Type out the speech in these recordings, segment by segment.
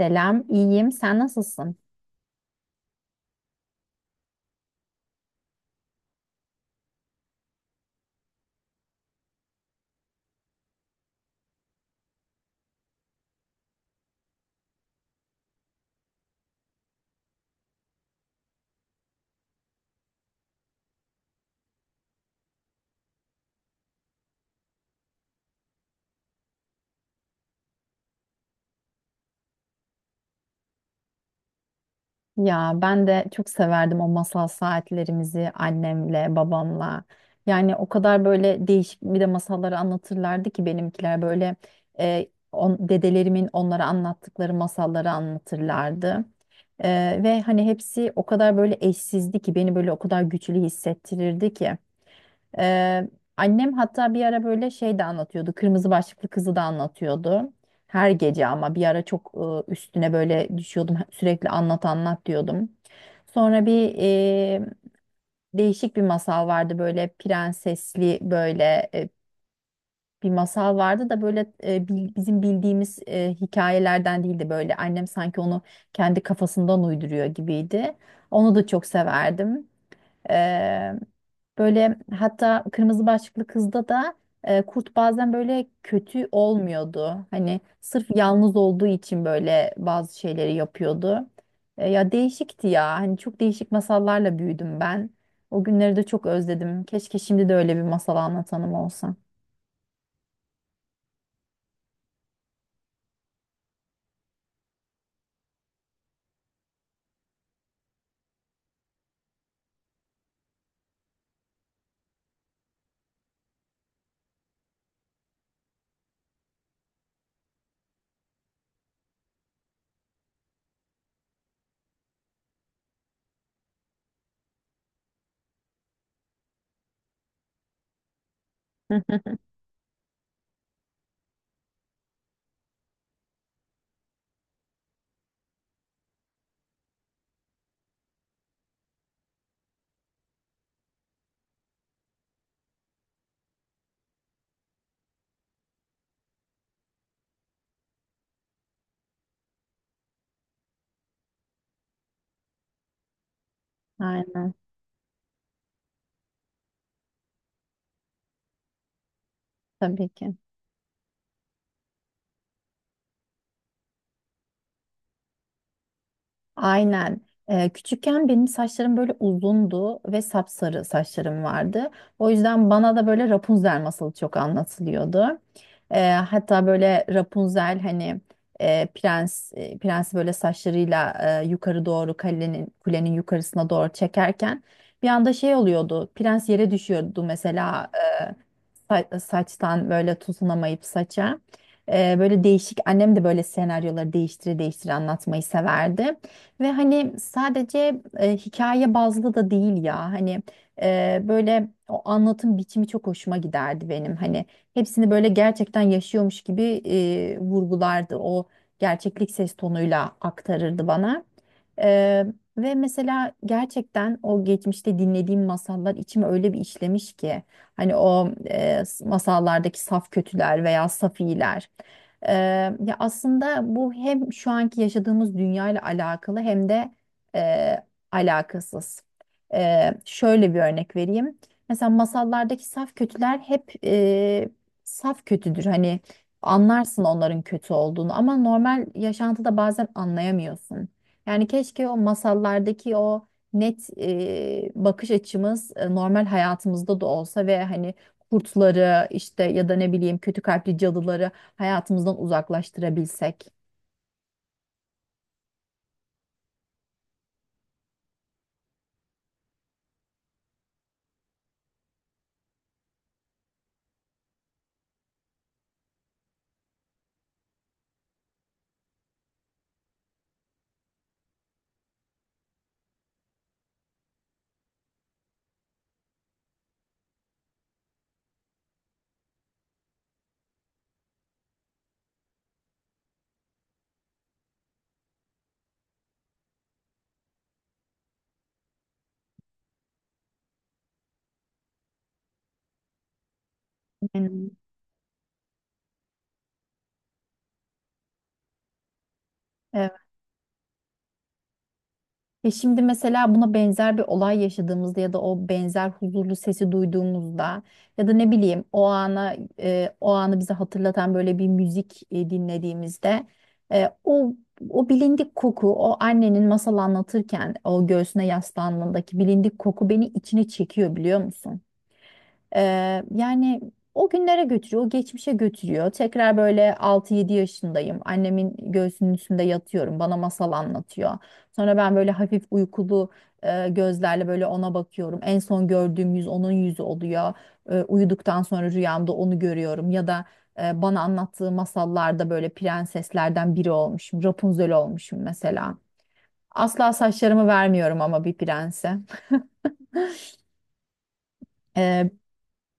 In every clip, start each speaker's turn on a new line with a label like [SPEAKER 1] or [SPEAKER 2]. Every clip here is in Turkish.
[SPEAKER 1] Selam, iyiyim. Sen nasılsın? Ya ben de çok severdim o masal saatlerimizi annemle, babamla. Yani o kadar böyle değişik bir de masalları anlatırlardı ki benimkiler böyle dedelerimin onlara anlattıkları masalları anlatırlardı. Ve hani hepsi o kadar böyle eşsizdi ki beni böyle o kadar güçlü hissettirirdi ki. Ee, Annem hatta bir ara böyle şey de anlatıyordu. Kırmızı Başlıklı Kız'ı da anlatıyordu. Her gece ama bir ara çok üstüne böyle düşüyordum. Sürekli anlat anlat diyordum. Sonra değişik bir masal vardı böyle prensesli böyle bir masal vardı da böyle bizim bildiğimiz hikayelerden değildi böyle. Annem sanki onu kendi kafasından uyduruyor gibiydi. Onu da çok severdim. Ee, Böyle hatta Kırmızı Başlıklı Kız'da da kurt bazen böyle kötü olmuyordu. Hani sırf yalnız olduğu için böyle bazı şeyleri yapıyordu. Ya değişikti ya. Hani çok değişik masallarla büyüdüm ben. O günleri de çok özledim. Keşke şimdi de öyle bir masal anlatanım olsa. Aynen. Tabii ki. Aynen. Küçükken benim saçlarım böyle uzundu ve sapsarı saçlarım vardı. O yüzden bana da böyle Rapunzel masalı çok anlatılıyordu. Hatta böyle Rapunzel hani prensi böyle saçlarıyla yukarı doğru kulenin yukarısına doğru çekerken bir anda şey oluyordu. Prens yere düşüyordu, mesela saçtan böyle tutunamayıp saça. Böyle değişik annem de böyle senaryoları değiştire değiştire anlatmayı severdi. Ve hani sadece hikaye bazlı da değil ya, hani böyle o anlatım biçimi çok hoşuma giderdi benim. Hani hepsini böyle gerçekten yaşıyormuş gibi vurgulardı, o gerçeklik ses tonuyla aktarırdı bana. Ee, Ve mesela gerçekten o geçmişte dinlediğim masallar içime öyle bir işlemiş ki. Hani o masallardaki saf kötüler veya saf iyiler. E, Ya aslında bu hem şu anki yaşadığımız dünya ile alakalı hem de e, alakasız. Şöyle bir örnek vereyim. Mesela masallardaki saf kötüler hep saf kötüdür. Hani anlarsın onların kötü olduğunu, ama normal yaşantıda bazen anlayamıyorsun. Yani keşke o masallardaki o net bakış açımız normal hayatımızda da olsa ve hani kurtları işte ya da ne bileyim kötü kalpli cadıları hayatımızdan uzaklaştırabilsek. Aynen. Ya şimdi mesela buna benzer bir olay yaşadığımızda ya da o benzer huzurlu sesi duyduğumuzda ya da ne bileyim o anı bize hatırlatan böyle bir müzik dinlediğimizde e, o o bilindik koku, o annenin masal anlatırken o göğsüne yaslandığındaki bilindik koku beni içine çekiyor, biliyor musun? Yani o günlere götürüyor, o geçmişe götürüyor. Tekrar böyle altı yedi yaşındayım. Annemin göğsünün üstünde yatıyorum. Bana masal anlatıyor. Sonra ben böyle hafif uykulu gözlerle böyle ona bakıyorum. En son gördüğüm yüz onun yüzü oluyor. Uyuduktan sonra rüyamda onu görüyorum. Ya da bana anlattığı masallarda böyle prenseslerden biri olmuşum. Rapunzel olmuşum mesela. Asla saçlarımı vermiyorum ama bir prense. Ee,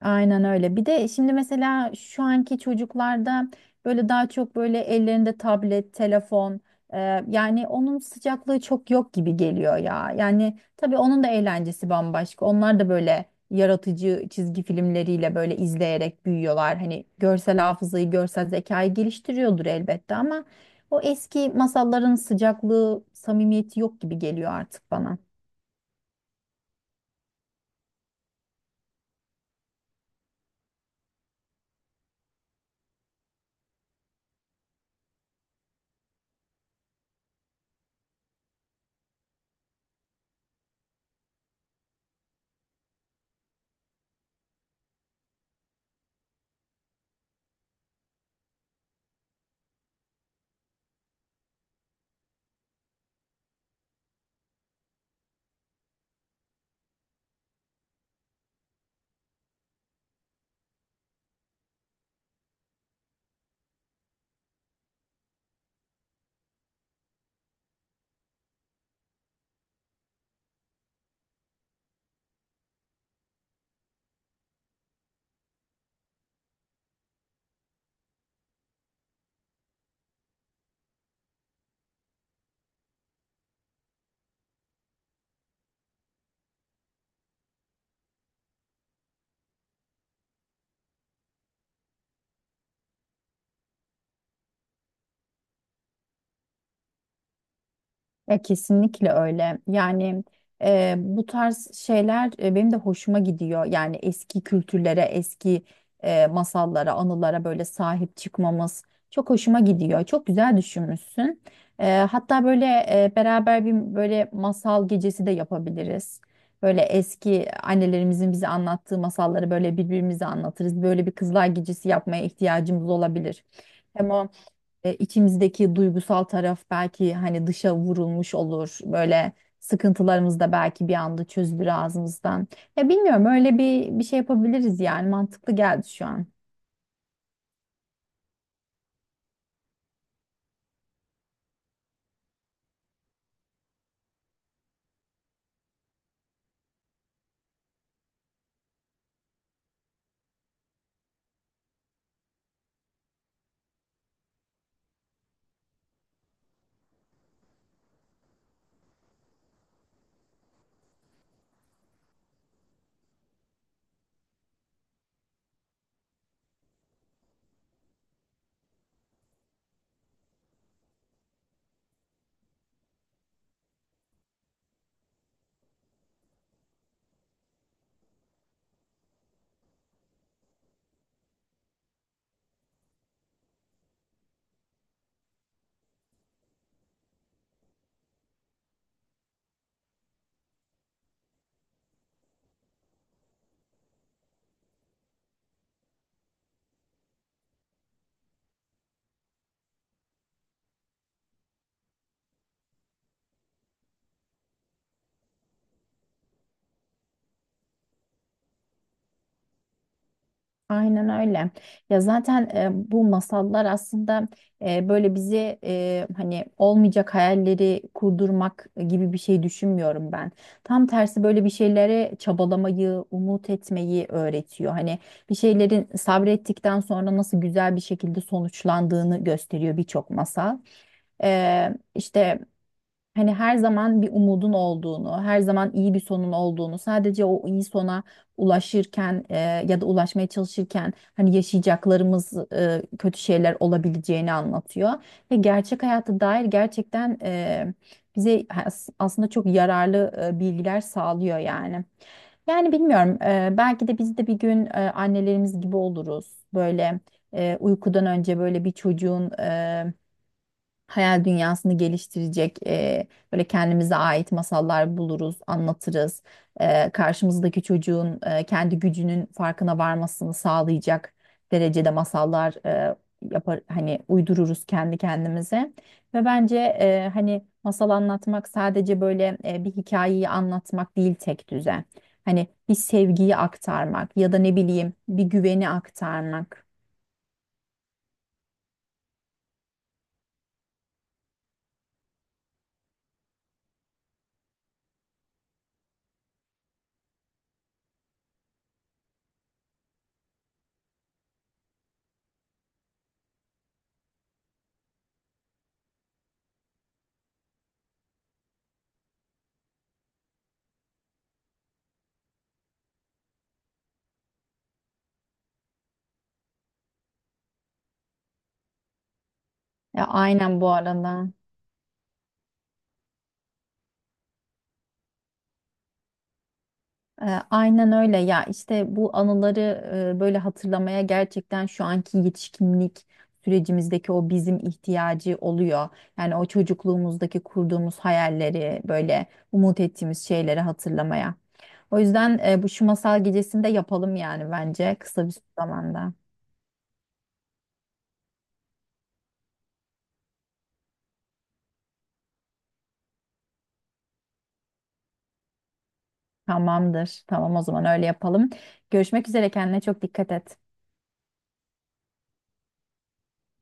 [SPEAKER 1] Aynen öyle. Bir de şimdi mesela şu anki çocuklarda böyle daha çok böyle ellerinde tablet, telefon, e, yani onun sıcaklığı çok yok gibi geliyor ya. Yani tabii onun da eğlencesi bambaşka. Onlar da böyle yaratıcı çizgi filmleriyle böyle izleyerek büyüyorlar. Hani görsel hafızayı, görsel zekayı geliştiriyordur elbette ama o eski masalların sıcaklığı, samimiyeti yok gibi geliyor artık bana. Ya kesinlikle öyle. Yani bu tarz şeyler benim de hoşuma gidiyor. Yani eski kültürlere, eski masallara, anılara böyle sahip çıkmamız çok hoşuma gidiyor. Çok güzel düşünmüşsün. Hatta böyle beraber bir böyle masal gecesi de yapabiliriz. Böyle eski annelerimizin bize anlattığı masalları böyle birbirimize anlatırız. Böyle bir kızlar gecesi yapmaya ihtiyacımız olabilir. Hem içimizdeki duygusal taraf belki hani dışa vurulmuş olur. Böyle sıkıntılarımız da belki bir anda çözülür ağzımızdan. Ya bilmiyorum, öyle bir şey yapabiliriz yani, mantıklı geldi şu an. Aynen öyle. Ya zaten bu masallar aslında e, böyle bizi e, hani olmayacak hayalleri kurdurmak gibi bir şey düşünmüyorum ben. Tam tersi, böyle bir şeylere çabalamayı, umut etmeyi öğretiyor. Hani bir şeylerin sabrettikten sonra nasıl güzel bir şekilde sonuçlandığını gösteriyor birçok masal. İşte hani her zaman bir umudun olduğunu, her zaman iyi bir sonun olduğunu, sadece o iyi sona ulaşırken ya da ulaşmaya çalışırken hani yaşayacaklarımız kötü şeyler olabileceğini anlatıyor. Ve gerçek hayata dair gerçekten bize aslında çok yararlı bilgiler sağlıyor yani. Yani bilmiyorum, belki de biz de bir gün annelerimiz gibi oluruz. Böyle uykudan önce böyle bir çocuğun hayal dünyasını geliştirecek, böyle kendimize ait masallar buluruz, anlatırız. Karşımızdaki çocuğun kendi gücünün farkına varmasını sağlayacak derecede masallar yapar, hani uydururuz kendi kendimize. Ve bence hani masal anlatmak sadece böyle bir hikayeyi anlatmak değil tek düze. Hani bir sevgiyi aktarmak ya da ne bileyim bir güveni aktarmak. Ya, aynen bu arada. E, Aynen öyle. Ya işte bu anıları böyle hatırlamaya gerçekten şu anki yetişkinlik sürecimizdeki o bizim ihtiyacı oluyor. Yani o çocukluğumuzdaki kurduğumuz hayalleri, böyle umut ettiğimiz şeyleri hatırlamaya. O yüzden bu şu masal gecesini de yapalım yani, bence kısa bir zamanda. Tamamdır. Tamam, o zaman öyle yapalım. Görüşmek üzere, kendine çok dikkat et.